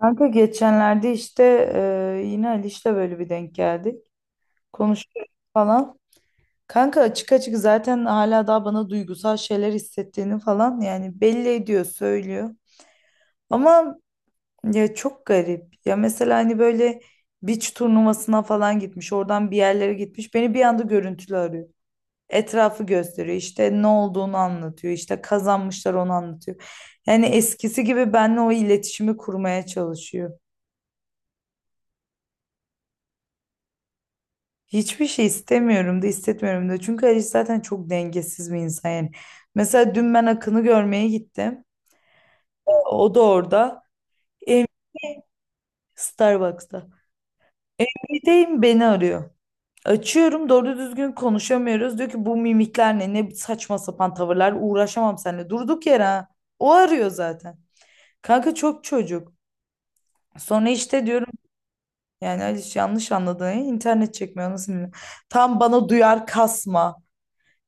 Kanka geçenlerde işte yine Ali işte böyle bir denk geldik. Konuştuk falan. Kanka açık açık zaten hala daha bana duygusal şeyler hissettiğini falan yani belli ediyor, söylüyor. Ama ya çok garip. Ya mesela hani böyle beach turnuvasına falan gitmiş, oradan bir yerlere gitmiş. Beni bir anda görüntülü arıyor. Etrafı gösteriyor. İşte ne olduğunu anlatıyor. İşte kazanmışlar, onu anlatıyor. Yani eskisi gibi benimle o iletişimi kurmaya çalışıyor. Hiçbir şey istemiyorum da hissetmiyorum da. Çünkü Ali zaten çok dengesiz bir insan yani. Mesela dün ben Akın'ı görmeye gittim. O da orada. Em Starbucks'ta. Gideyim, beni arıyor. Açıyorum, doğru düzgün konuşamıyoruz. Diyor ki bu mimikler ne saçma sapan tavırlar, uğraşamam seninle. Durduk yere, ha. O arıyor zaten. Kanka çok çocuk. Sonra işte diyorum, yani Aliş yanlış anladın. Ya, İnternet çekmiyor, nasıl bilmiyorum. Tam bana duyar kasma.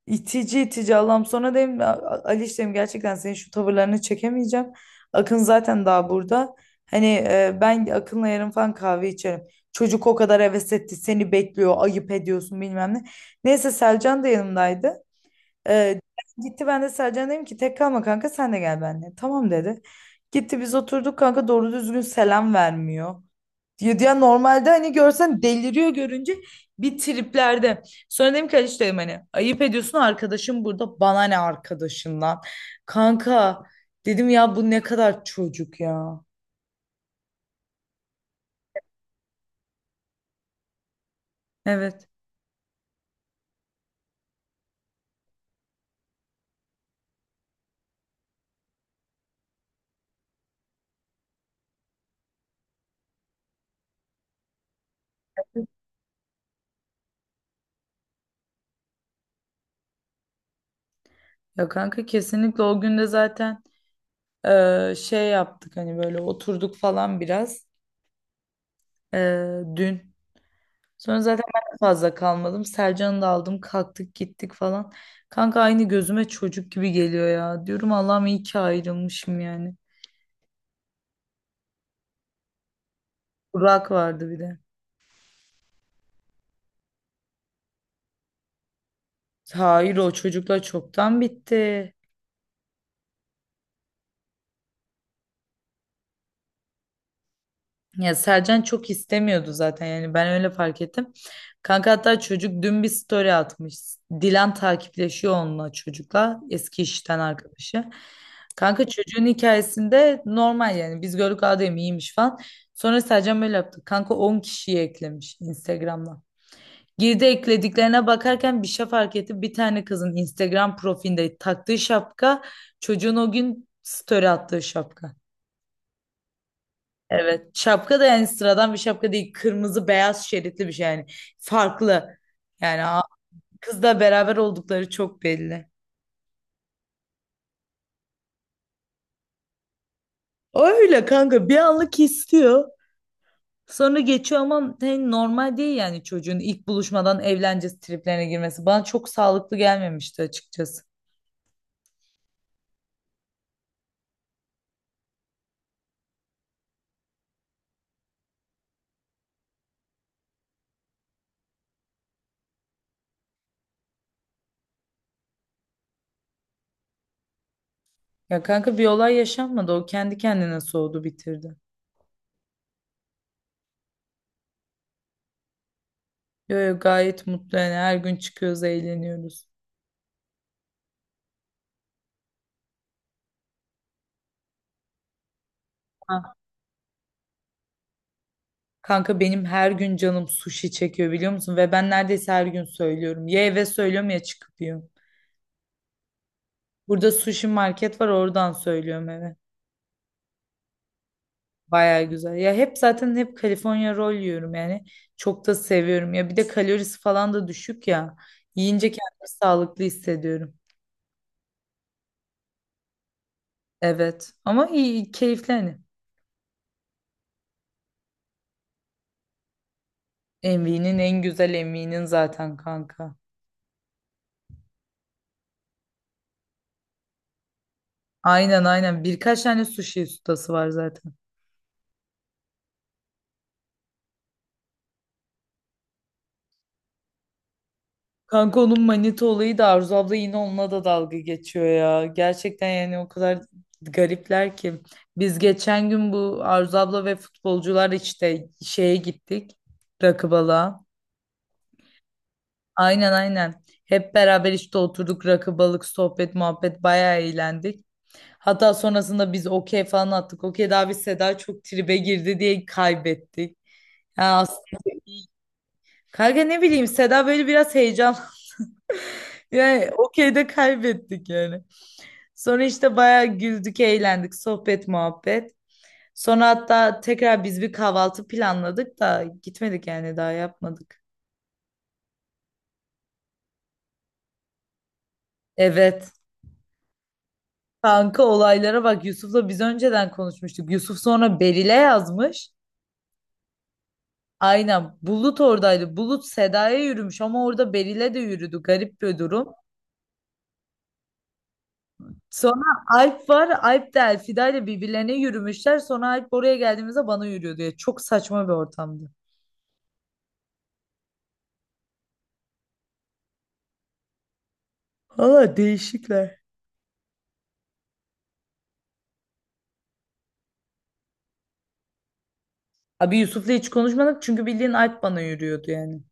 İtici itici Allah'ım. Sonra dedim, Ali, işlerim gerçekten, senin şu tavırlarını çekemeyeceğim. Akın zaten daha burada. Hani, ben Akın'la yarın falan kahve içerim. Çocuk o kadar heves etti, seni bekliyor, ayıp ediyorsun, bilmem ne." Neyse, Selcan da yanımdaydı. E, gitti, ben de Selcan, dedim ki, tek kalma kanka, sen de gel benimle. Tamam dedi. Gitti, biz oturduk, kanka doğru düzgün selam vermiyor. Diyor ya, normalde hani görsen deliriyor görünce, bir triplerde. Sonra dedim ki Aliç, dedim hani ayıp ediyorsun, arkadaşım burada, bana ne arkadaşından. Kanka, dedim ya, bu ne kadar çocuk ya. Evet, ya kanka kesinlikle. O gün de zaten şey yaptık, hani böyle oturduk falan biraz, e, dün. Sonra zaten ben de fazla kalmadım. Sercan'ı da aldım, kalktık gittik falan. Kanka aynı, gözüme çocuk gibi geliyor ya. Diyorum Allah'ım, iyi ki ayrılmışım yani. Burak vardı bir de. Hayır, o çocuklar çoktan bitti. Ya Sercan çok istemiyordu zaten, yani ben öyle fark ettim. Kanka hatta çocuk dün bir story atmış. Dilan takipleşiyor onunla, çocukla eski işten arkadaşı. Kanka çocuğun hikayesinde normal yani, biz gördük, adem iyiymiş falan. Sonra Sercan böyle yaptı. Kanka 10 kişiyi eklemiş Instagram'dan. Girdi, eklediklerine bakarken bir şey fark etti. Bir tane kızın Instagram profilinde taktığı şapka, çocuğun o gün story attığı şapka. Evet. Şapka da yani sıradan bir şapka değil. Kırmızı beyaz şeritli bir şey yani. Farklı. Yani kızla beraber oldukları çok belli. Öyle kanka, bir anlık istiyor. Sonra geçiyor ama hani normal değil yani, çocuğun ilk buluşmadan evlence triplerine girmesi. Bana çok sağlıklı gelmemişti açıkçası. Ya kanka, bir olay yaşanmadı. O kendi kendine soğudu, bitirdi. Yo, yo, gayet mutlu yani, her gün çıkıyoruz, eğleniyoruz. Ha, kanka benim her gün canım sushi çekiyor, biliyor musun? Ve ben neredeyse her gün söylüyorum. Ya eve söylüyorum, ya çıkıp yiyorum. Burada sushi market var, oradan söylüyorum eve. Baya güzel. Ya hep zaten, hep California roll yiyorum yani. Çok da seviyorum. Ya bir de kalorisi falan da düşük ya. Yiyince kendimi sağlıklı hissediyorum. Evet. Ama iyi, keyifli hani. Envy'nin en güzel, Envy'nin zaten kanka. Aynen, aynen. Birkaç tane sushi ustası var zaten. Kanka onun manita olayı da, Arzu abla yine onunla da dalga geçiyor ya. Gerçekten yani o kadar garipler ki. Biz geçen gün bu Arzu abla ve futbolcular işte şeye gittik. Rakı balığa. Aynen, aynen. Hep beraber işte oturduk, rakı balık, sohbet muhabbet, bayağı eğlendik. Hatta sonrasında biz okey falan attık. Okey daha bir, Seda çok tribe girdi diye kaybettik. Ya as- Kanka ne bileyim, Seda böyle biraz heyecan. Yani okeyde kaybettik yani. Sonra işte bayağı güldük, eğlendik, sohbet, muhabbet. Sonra hatta tekrar biz bir kahvaltı planladık da gitmedik, yani daha yapmadık. Evet. Kanka olaylara bak, Yusuf'la biz önceden konuşmuştuk. Yusuf sonra Beril'e yazmış. Aynen. Bulut oradaydı. Bulut Seda'ya yürümüş ama orada Beril'e de yürüdü. Garip bir durum. Sonra Alp var. Alp de Elfida ile birbirlerine yürümüşler. Sonra Alp, oraya geldiğimizde bana yürüyor diye. Çok saçma bir ortamdı. Valla değişikler. Abi Yusuf'la hiç konuşmadık, çünkü bildiğin Alp bana yürüyordu yani.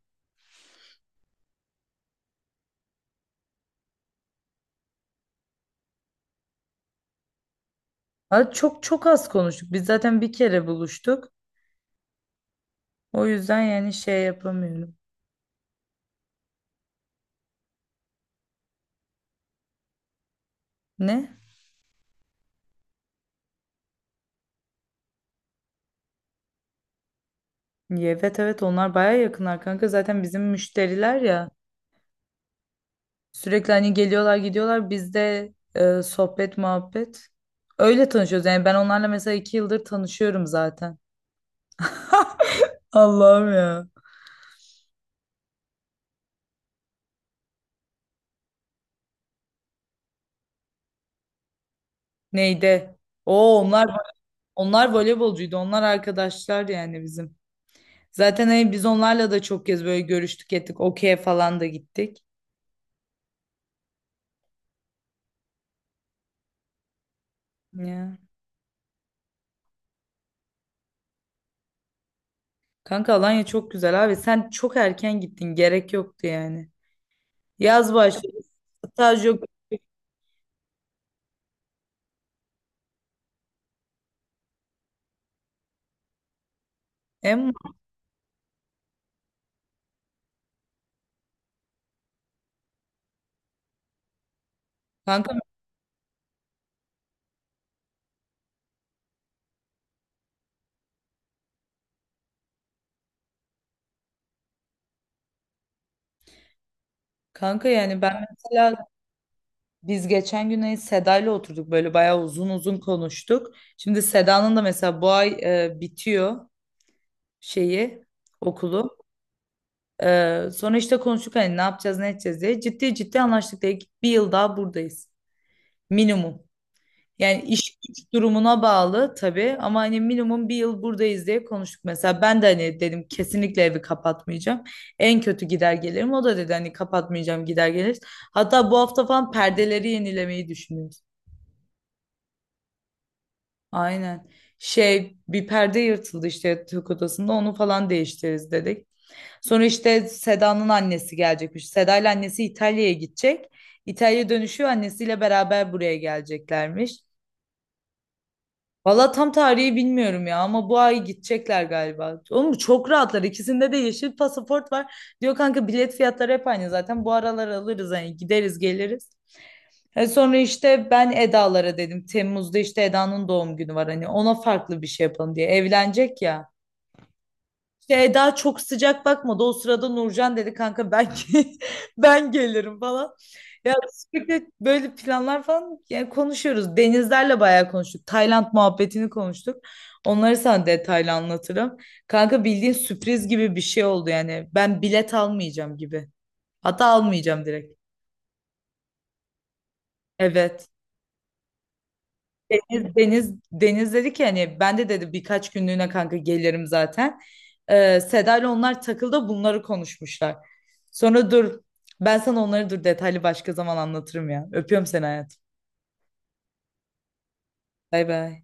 Abi çok çok az konuştuk. Biz zaten bir kere buluştuk. O yüzden yani şey yapamıyorum. Ne? Evet, evet, onlar baya yakınlar kanka. Zaten bizim müşteriler ya. Sürekli hani geliyorlar, gidiyorlar. Biz de sohbet muhabbet. Öyle tanışıyoruz. Yani ben onlarla mesela 2 yıldır tanışıyorum zaten. Allah'ım ya. Neydi? Oo, onlar voleybolcuydu. Onlar arkadaşlar yani bizim. Zaten hani biz onlarla da çok kez böyle görüştük, ettik. Okey'e falan da gittik. Ya. Kanka Alanya çok güzel abi. Sen çok erken gittin. Gerek yoktu yani. Yaz başladı. Staj yok. Em kanka kanka yani ben mesela, biz geçen gün hani Seda'yla oturduk, böyle bayağı uzun uzun konuştuk. Şimdi Seda'nın da mesela bu ay bitiyor şeyi, okulu. Sonra işte konuştuk hani ne yapacağız, ne edeceğiz diye. Ciddi ciddi anlaştık, dedik ki bir yıl daha buradayız. Minimum. Yani iş güç durumuna bağlı tabii, ama hani minimum bir yıl buradayız diye konuştuk. Mesela ben de hani dedim, kesinlikle evi kapatmayacağım. En kötü gider gelirim. O da dedi hani kapatmayacağım, gider geliriz. Hatta bu hafta falan perdeleri yenilemeyi düşünüyoruz. Aynen. Şey, bir perde yırtıldı işte yatak odasında, onu falan değiştiririz dedik. Sonra işte Seda'nın annesi gelecekmiş. Seda annesi İtalya'ya gidecek. İtalya dönüşüyor annesiyle beraber buraya geleceklermiş. Valla tam tarihi bilmiyorum ya, ama bu ay gidecekler galiba. Oğlum çok rahatlar. İkisinde de yeşil pasaport var. Diyor kanka, bilet fiyatları hep aynı zaten. Bu aralar alırız hani, gideriz geliriz. E sonra işte ben Eda'lara dedim. Temmuz'da işte Eda'nın doğum günü var, hani ona farklı bir şey yapalım diye. Evlenecek ya. İşte Eda çok sıcak bakmadı. O sırada Nurcan dedi, kanka ben gelirim falan. Ya sürekli böyle planlar falan yani konuşuyoruz. Denizlerle bayağı konuştuk. Tayland muhabbetini konuştuk. Onları sana detaylı anlatırım. Kanka bildiğin sürpriz gibi bir şey oldu yani. Ben bilet almayacağım gibi. Hatta almayacağım direkt. Evet. Deniz dedi ki, hani ben de dedi birkaç günlüğüne kanka gelirim zaten. Seda ile onlar takıldı, bunları konuşmuşlar. Sonra dur, ben sana onları dur detaylı başka zaman anlatırım ya. Öpüyorum seni hayatım. Bay bay.